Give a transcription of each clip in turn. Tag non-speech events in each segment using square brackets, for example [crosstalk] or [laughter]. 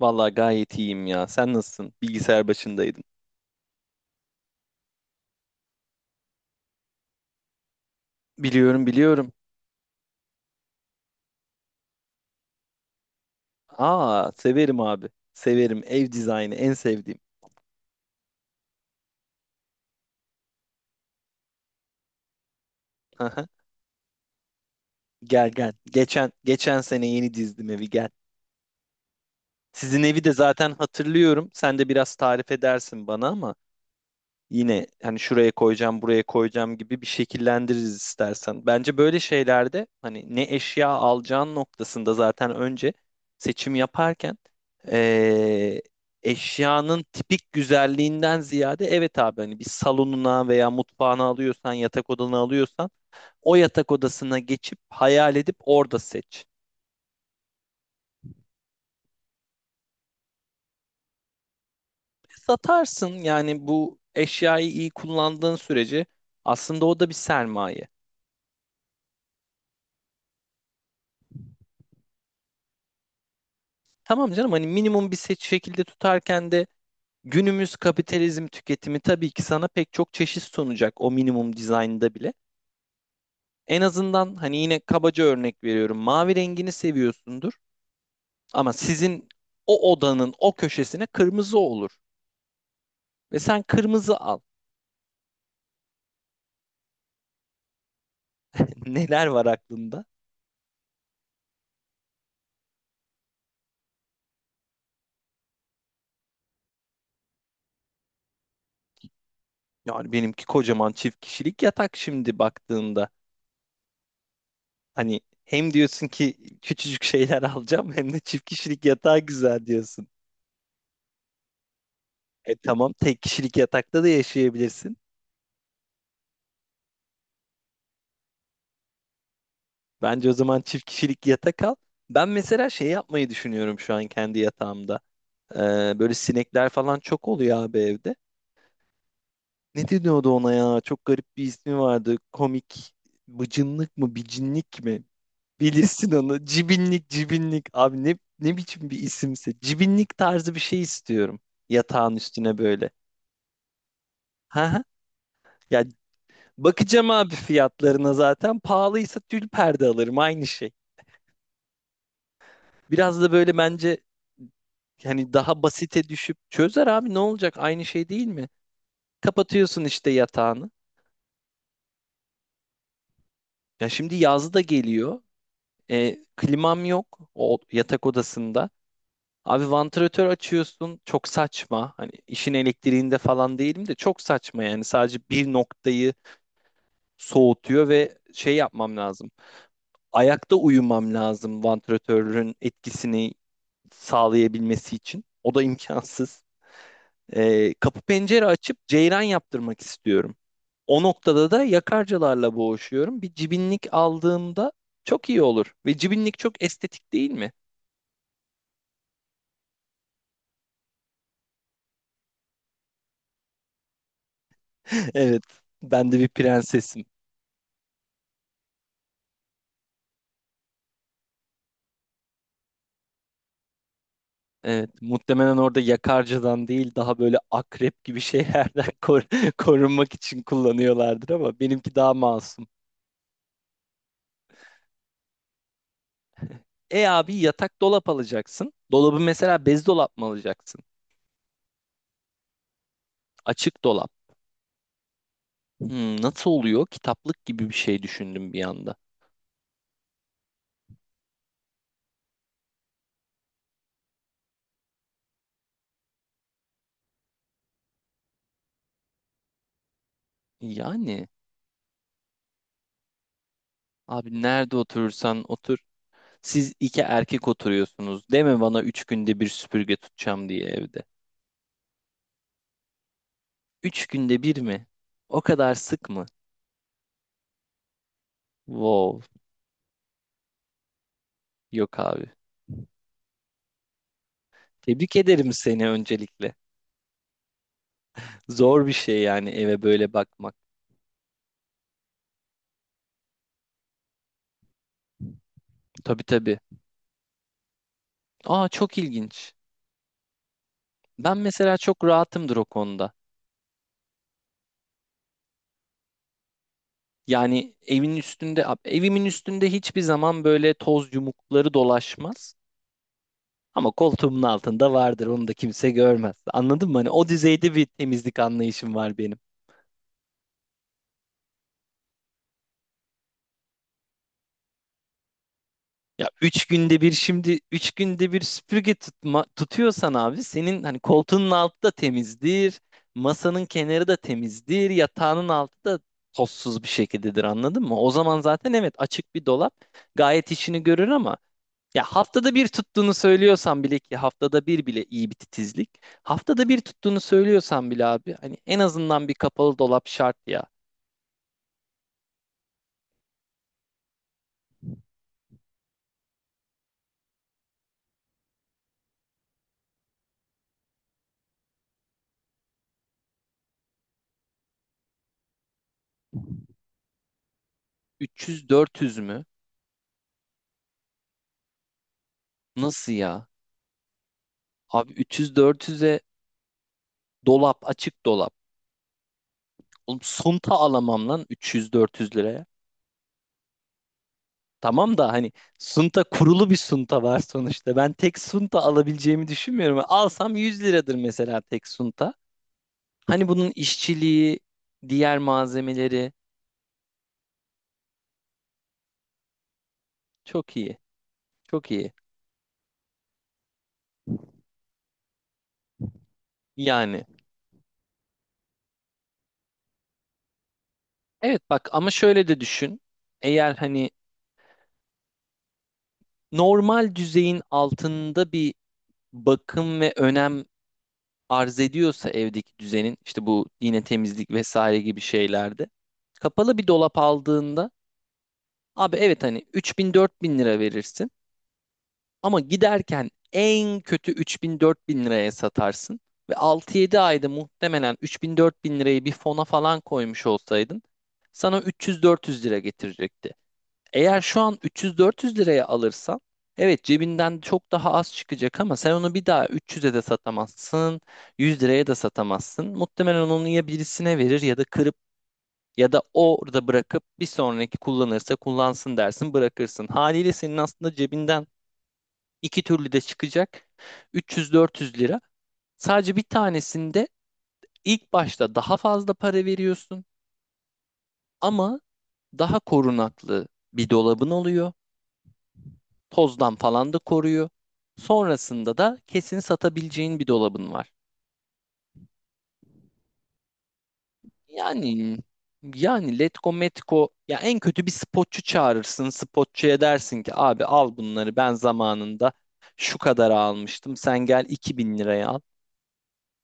Vallahi gayet iyiyim ya. Sen nasılsın? Bilgisayar başındaydın. Biliyorum, biliyorum. Aa, severim abi. Severim. Ev dizaynı en sevdiğim. Aha. Gel gel. Geçen sene yeni dizdim evi, gel. Sizin evi de zaten hatırlıyorum. Sen de biraz tarif edersin bana ama yine hani şuraya koyacağım, buraya koyacağım gibi bir şekillendiririz istersen. Bence böyle şeylerde hani ne eşya alacağın noktasında zaten önce seçim yaparken eee, eşyanın tipik güzelliğinden ziyade evet abi hani bir salonuna veya mutfağına alıyorsan, yatak odana alıyorsan o yatak odasına geçip hayal edip orada seç. Satarsın yani bu eşyayı iyi kullandığın sürece, aslında o da bir sermaye. Tamam canım, hani minimum bir seç şekilde tutarken de günümüz kapitalizm tüketimi tabii ki sana pek çok çeşit sunacak o minimum dizaynda bile. En azından hani yine kabaca örnek veriyorum, mavi rengini seviyorsundur ama sizin o odanın o köşesine kırmızı olur ve sen kırmızı al. [laughs] Neler var aklında? Yani benimki kocaman çift kişilik yatak. Şimdi baktığında hani hem diyorsun ki küçücük şeyler alacağım hem de çift kişilik yatağı güzel diyorsun. E tamam, tek kişilik yatakta da yaşayabilirsin. Bence o zaman çift kişilik yatak al. Ben mesela şey yapmayı düşünüyorum şu an kendi yatağımda. Böyle sinekler falan çok oluyor abi evde. Ne deniyordu ona ya? Çok garip bir ismi vardı. Komik. Bıcınlık mı? Bicinlik mi? Bilirsin onu. Cibinlik, cibinlik. Abi ne biçim bir isimse. Cibinlik tarzı bir şey istiyorum. Yatağın üstüne böyle. Ha ha. Ya bakacağım abi fiyatlarına zaten. Pahalıysa tül perde alırım. Aynı şey. Biraz da böyle bence, hani daha basite düşüp çözer abi, ne olacak, aynı şey değil mi? Kapatıyorsun işte yatağını. Ya şimdi yaz da geliyor. E, klimam yok o yatak odasında. Abi vantilatör açıyorsun, çok saçma. Hani işin elektriğinde falan değilim de çok saçma yani, sadece bir noktayı soğutuyor ve şey yapmam lazım. Ayakta uyumam lazım vantilatörün etkisini sağlayabilmesi için. O da imkansız. E, kapı pencere açıp ceyran yaptırmak istiyorum. O noktada da yakarcılarla boğuşuyorum. Bir cibinlik aldığımda çok iyi olur. Ve cibinlik çok estetik değil mi? [laughs] Evet, ben de bir prensesim. Evet, muhtemelen orada yakarcadan değil daha böyle akrep gibi şeylerden [laughs] korunmak için kullanıyorlardır ama benimki daha masum. E abi yatak, dolap alacaksın. Dolabı mesela bez dolap mı alacaksın? Açık dolap. Hmm, nasıl oluyor? Kitaplık gibi bir şey düşündüm bir anda. Yani abi nerede oturursan otur. Siz iki erkek oturuyorsunuz. Deme bana üç günde bir süpürge tutacağım diye evde. Üç günde bir mi? O kadar sık mı? Wow. Yok abi. Tebrik ederim seni öncelikle. Zor bir şey yani, eve böyle bakmak. Tabii tabii. Aa çok ilginç. Ben mesela çok rahatımdır o konuda. Yani evin üstünde, evimin üstünde hiçbir zaman böyle toz yumukları dolaşmaz. Ama koltuğumun altında vardır. Onu da kimse görmez. Anladın mı? Hani o düzeyde bir temizlik anlayışım var benim. Ya üç günde bir, şimdi üç günde bir süpürge tutma, tutuyorsan abi senin hani koltuğunun altı da temizdir. Masanın kenarı da temizdir. Yatağının altı da tozsuz bir şekildedir, anladın mı? O zaman zaten, evet, açık bir dolap gayet işini görür ama ya haftada bir tuttuğunu söylüyorsan bile, ki haftada bir bile iyi bir titizlik. Haftada bir tuttuğunu söylüyorsan bile abi, hani en azından bir kapalı dolap şart ya. 300-400 mü? Nasıl ya? Abi 300-400'e dolap, açık dolap. Oğlum, sunta alamam lan 300-400 liraya. Tamam da hani sunta kurulu bir sunta var sonuçta. Ben tek sunta alabileceğimi düşünmüyorum. Alsam 100 liradır mesela tek sunta. Hani bunun işçiliği, diğer malzemeleri çok iyi. Çok iyi. Yani evet, bak ama şöyle de düşün. Eğer hani normal düzeyin altında bir bakım ve önem arz ediyorsa evdeki düzenin, işte bu yine temizlik vesaire gibi şeylerde kapalı bir dolap aldığında abi, evet hani 3000 bin lira verirsin ama giderken en kötü 3000 bin liraya satarsın ve altı yedi ayda muhtemelen 3000 bin lirayı bir fona falan koymuş olsaydın sana 300-400 lira getirecekti. Eğer şu an 300-400 liraya alırsan evet cebinden çok daha az çıkacak ama sen onu bir daha 300'e de satamazsın, 100 liraya da satamazsın. Muhtemelen onu ya birisine verir, ya da kırıp, ya da orada bırakıp bir sonraki kullanırsa kullansın dersin, bırakırsın. Haliyle senin aslında cebinden iki türlü de çıkacak 300-400 lira. Sadece bir tanesinde ilk başta daha fazla para veriyorsun ama daha korunaklı bir dolabın oluyor. Tozdan falan da koruyor. Sonrasında da kesin satabileceğin bir dolabın var. Yani yani Letgo Metko, ya en kötü bir spotçu çağırırsın. Spotçuya dersin ki abi al bunları, ben zamanında şu kadar almıştım. Sen gel 2.000 liraya al.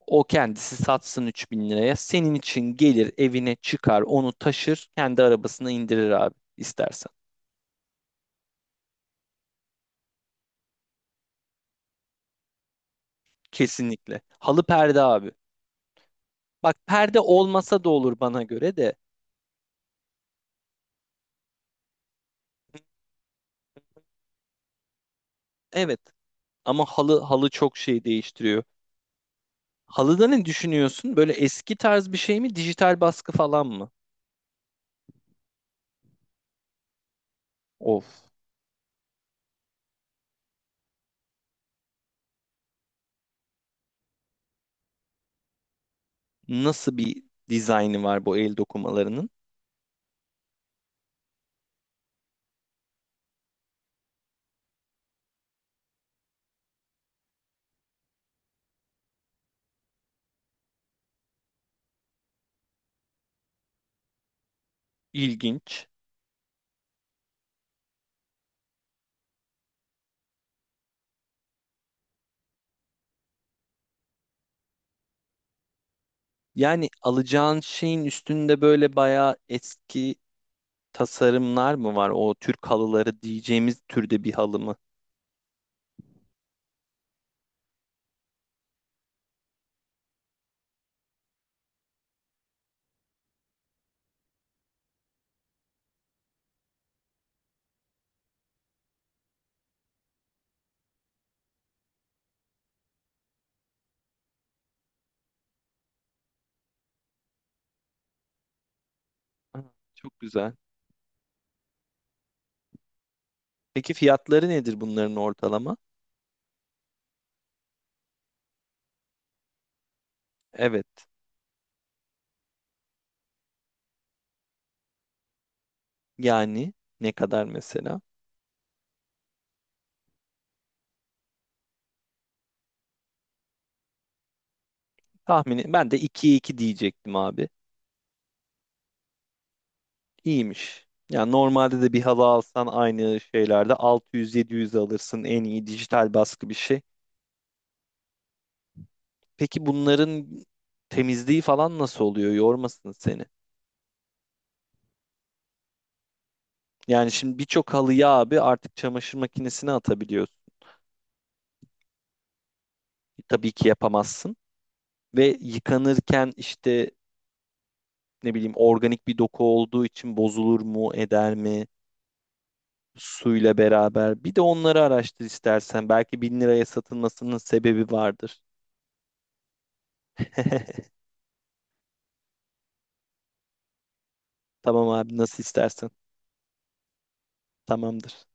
O kendisi satsın 3.000 liraya. Senin için gelir, evine çıkar, onu taşır, kendi arabasına indirir abi, istersen. Kesinlikle. Halı perde abi. Bak perde olmasa da olur bana göre de. Evet. Ama halı, halı çok şey değiştiriyor. Halıda ne düşünüyorsun? Böyle eski tarz bir şey mi? Dijital baskı falan mı? Of. Nasıl bir dizaynı var bu el dokumalarının? İlginç. Yani alacağın şeyin üstünde böyle bayağı eski tasarımlar mı var? O Türk halıları diyeceğimiz türde bir halı mı? Aa, çok güzel. Peki fiyatları nedir bunların ortalama? Evet. Yani ne kadar mesela? Tahmini ben de 2 iki diyecektim abi. İyiymiş. Yani normalde de bir halı alsan aynı şeylerde 600-700 alırsın, en iyi dijital baskı bir şey. Peki bunların temizliği falan nasıl oluyor? Yormasın seni. Yani şimdi birçok halıyı abi artık çamaşır makinesine atabiliyorsun. Tabii ki yapamazsın. Ve yıkanırken işte, ne bileyim, organik bir doku olduğu için bozulur mu, eder mi suyla beraber? Bir de onları araştır istersen. Belki 1.000 liraya satılmasının sebebi vardır. [laughs] Tamam abi, nasıl istersen. Tamamdır.